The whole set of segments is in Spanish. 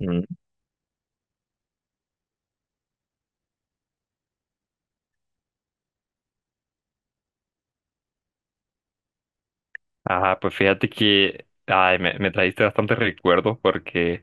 Mm. Ajá, pues fíjate que ay, me trajiste bastantes recuerdos porque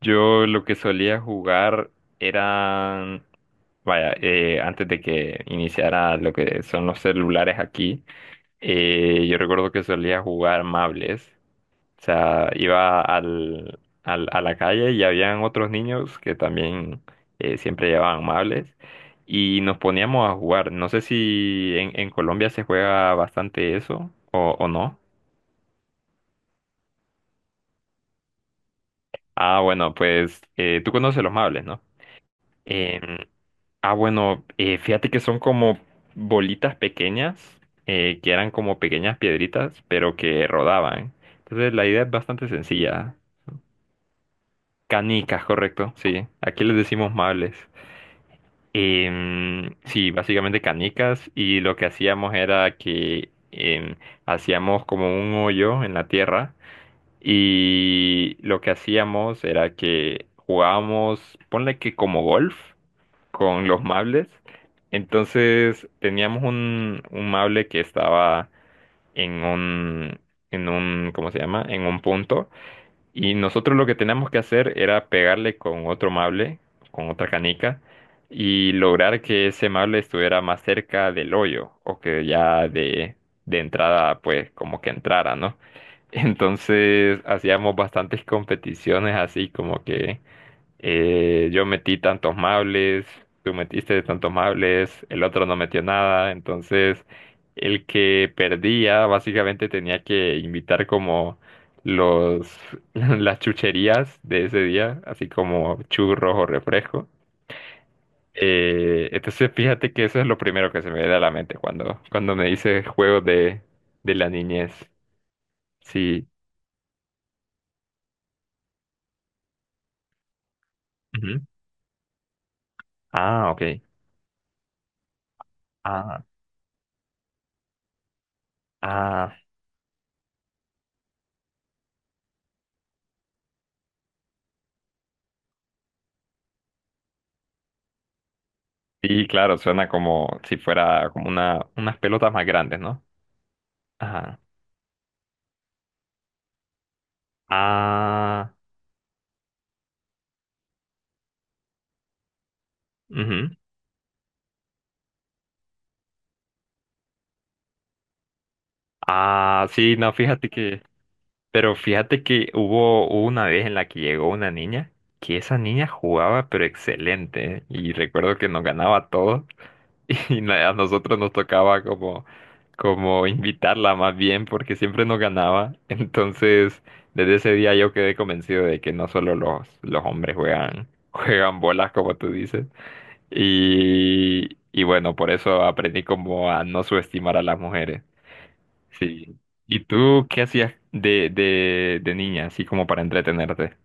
yo lo que solía jugar eran, vaya, antes de que iniciara lo que son los celulares aquí. Yo recuerdo que solía jugar mables. O sea, iba a la calle y habían otros niños que también siempre llevaban mables y nos poníamos a jugar. No sé si en Colombia se juega bastante eso o no. Ah, bueno, pues tú conoces los mables, ¿no? Em, ah, bueno, fíjate que son como bolitas pequeñas, que eran como pequeñas piedritas, pero que rodaban. Entonces la idea es bastante sencilla. Canicas, correcto, sí. Aquí les decimos mables. Sí, básicamente canicas y lo que hacíamos era que hacíamos como un hoyo en la tierra. Y lo que hacíamos era que jugábamos, ponle que como golf, con los mables. Entonces teníamos un mable que estaba en un, ¿cómo se llama? En un punto. Y nosotros lo que teníamos que hacer era pegarle con otro mable, con otra canica, y lograr que ese mable estuviera más cerca del hoyo, o que ya de entrada, pues, como que entrara, ¿no? Entonces hacíamos bastantes competiciones así como que yo metí tantos mables, tú metiste tantos mables, el otro no metió nada, entonces el que perdía básicamente tenía que invitar como los las chucherías de ese día, así como churros o refresco. Entonces fíjate que eso es lo primero que se me viene a la mente cuando me dice juegos de la niñez. Sí. Ujú. Ah, ok. Ah, ah, sí, claro, suena como si fuera como unas pelotas más grandes, ¿no? Ajá. Ah, ujú. Ah, sí, no, pero fíjate que hubo una vez en la que llegó una niña, que esa niña jugaba pero excelente, ¿eh? Y recuerdo que nos ganaba todo. Y a nosotros nos tocaba como invitarla más bien porque siempre nos ganaba. Entonces, desde ese día yo quedé convencido de que no solo los hombres juegan, juegan bolas, como tú dices. Y bueno, por eso aprendí como a no subestimar a las mujeres. Sí. ¿Y tú qué hacías de niña, así como para entretenerte?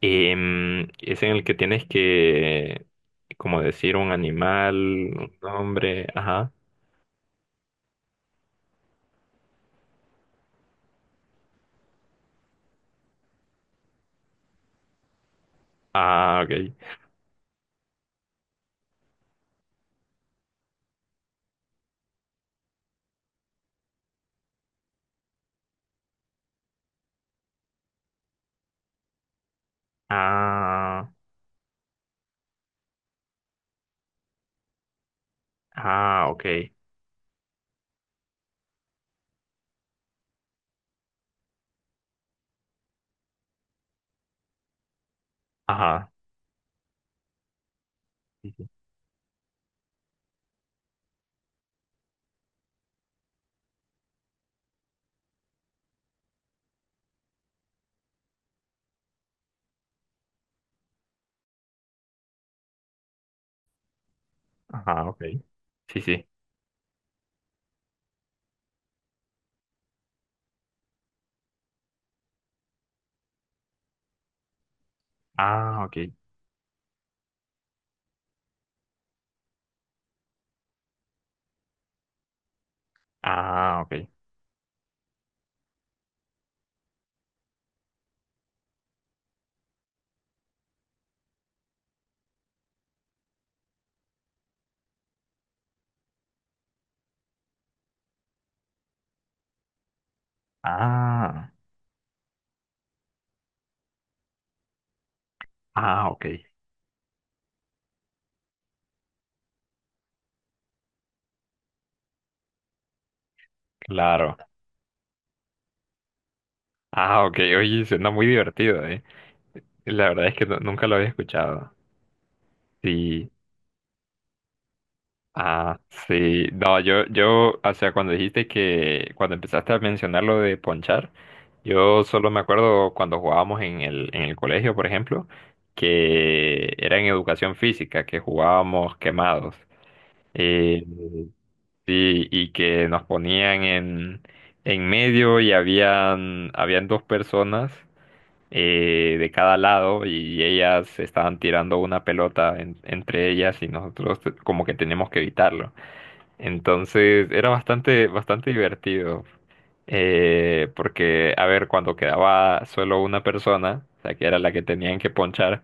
Es en el que tienes que, como decir, un animal, un hombre, ajá. Ah, ok. Ah, ah, ok. Ajá. Sí, sí. Ajá, ok. Sí, sí. Ah, ok. Ah, ok. Ah, ah, ok. Claro. Ah, ok. Oye, suena muy divertido, ¿eh? La verdad es que nunca lo había escuchado. Sí. Ah, sí. No, yo, o sea, cuando empezaste a mencionar lo de ponchar, yo solo me acuerdo cuando jugábamos en el colegio, por ejemplo, que era en educación física, que jugábamos quemados. Eh, sí, y que nos ponían en medio y habían dos personas de cada lado y ellas estaban tirando una pelota entre ellas y nosotros como que teníamos que evitarlo. Entonces era bastante, bastante divertido. Porque, a ver, cuando quedaba solo una persona, o sea, que era la que tenían que ponchar,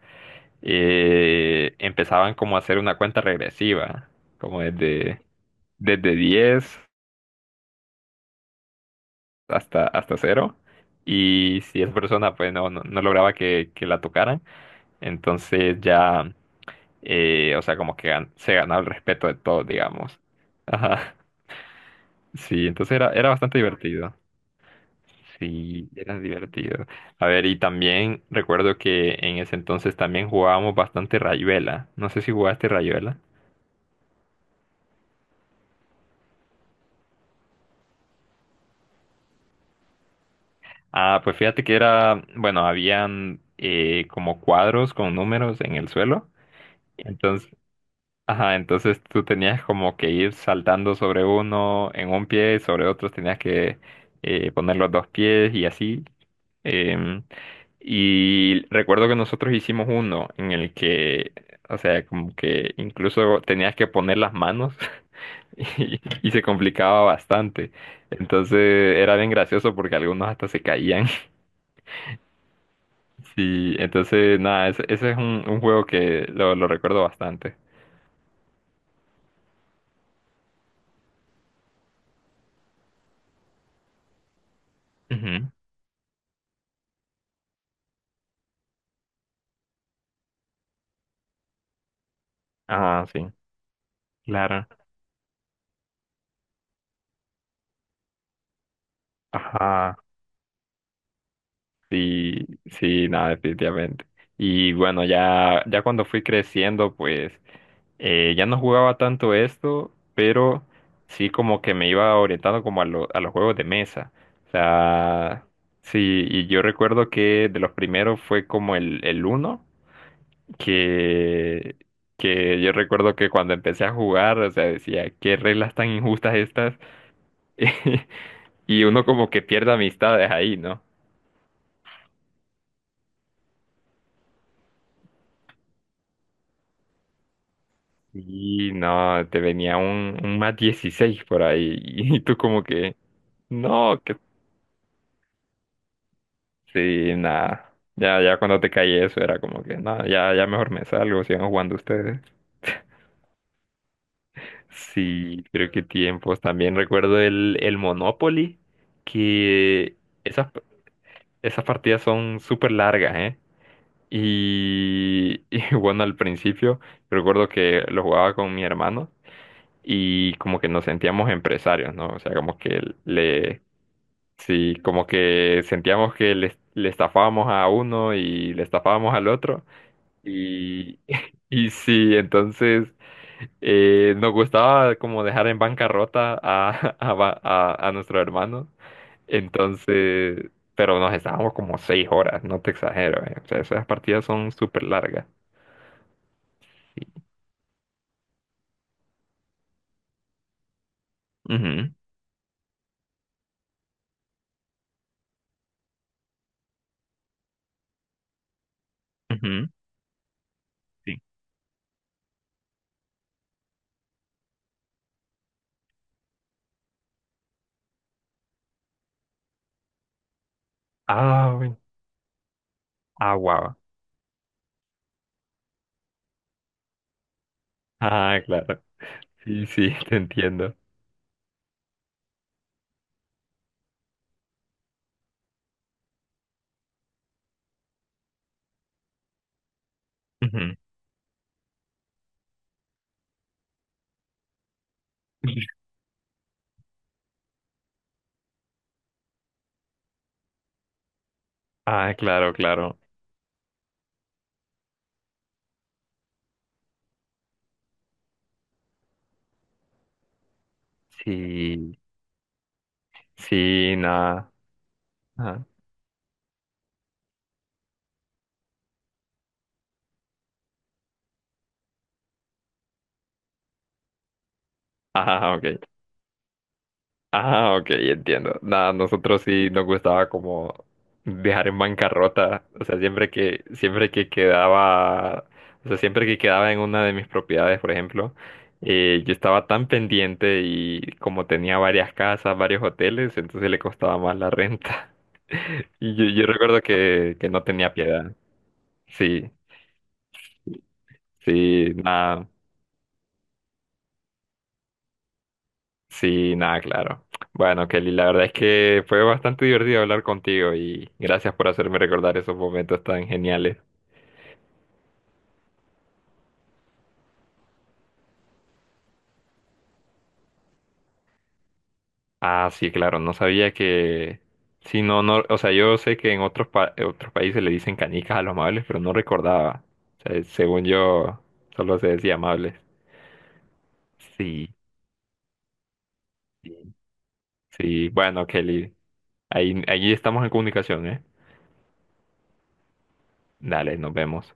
empezaban como a hacer una cuenta regresiva, como desde 10 hasta 0. Y si esa persona pues no lograba que la tocaran, entonces ya, o sea, como que se ganaba el respeto de todos, digamos. Ajá. Sí, entonces era bastante divertido. Sí, era divertido. A ver, y también recuerdo que en ese entonces también jugábamos bastante Rayuela. No sé si jugaste Rayuela. Ah, pues fíjate que era, bueno, habían como cuadros con números en el suelo. Entonces, ajá, entonces tú tenías como que ir saltando sobre uno en un pie, sobre otro tenías que poner los dos pies y así. Em, Y recuerdo que nosotros hicimos uno en el que, o sea, como que incluso tenías que poner las manos y se complicaba bastante. Entonces era bien gracioso porque algunos hasta se caían. Sí, entonces nada, ese es un juego que lo recuerdo bastante. Ujú. Ah, sí, claro. Ajá, sí, sí, nada, definitivamente. Y bueno, ya cuando fui creciendo, pues... Ya no jugaba tanto esto, pero sí como que me iba orientando como a los juegos de mesa. O sea, sí, y yo recuerdo que de los primeros fue como el Uno, que, que yo recuerdo que cuando empecé a jugar, o sea, decía, qué reglas tan injustas estas. Y uno como que pierde amistades ahí, ¿no? Y no, te venía un +16 por ahí, y tú como que... No, que sí, nada. Ya cuando te caí eso era como que, nada, ya mejor me salgo, sigan jugando ustedes. Sí, creo que tiempos. También recuerdo el Monopoly, que esas, esas partidas son súper largas, ¿eh? Y, y bueno, al principio recuerdo que lo jugaba con mi hermano y como que nos sentíamos empresarios, ¿no? O sea, como que le, sí, como que sentíamos que le estafábamos a uno y le estafábamos al otro. Y, y sí, entonces nos gustaba como dejar en bancarrota a, a nuestro hermano. Entonces, pero nos estábamos como 6 horas, no te exagero, eh. O sea, esas partidas son súper largas. Sí. Ujú, ujú, sí. Ah, bueno. Ah, guau. Ah, claro. Sí, sí, te entiendo. Ujú. Ah, claro, claro. Sí, sí, nada. Ah, ah, ok. Ah, ok, entiendo. Nada, nosotros sí nos gustaba como dejar en bancarrota, o sea, siempre que quedaba, o sea, siempre que quedaba en una de mis propiedades, por ejemplo, yo estaba tan pendiente y como tenía varias casas, varios hoteles, entonces le costaba más la renta. Y yo recuerdo que no tenía piedad. Sí, sí, nada. Sí, nada, claro. Bueno, Kelly, la verdad es que fue bastante divertido hablar contigo y gracias por hacerme recordar esos momentos tan geniales. Ah, sí, claro, no sabía que... Sí, no, no, o sea, yo sé que en otros, en otros países le dicen canicas a los amables, pero no recordaba. O sea, según yo, solo se decía amables. Sí, sí, sí. Bueno, Kelly, ahí estamos en comunicación, ¿eh? Dale, nos vemos.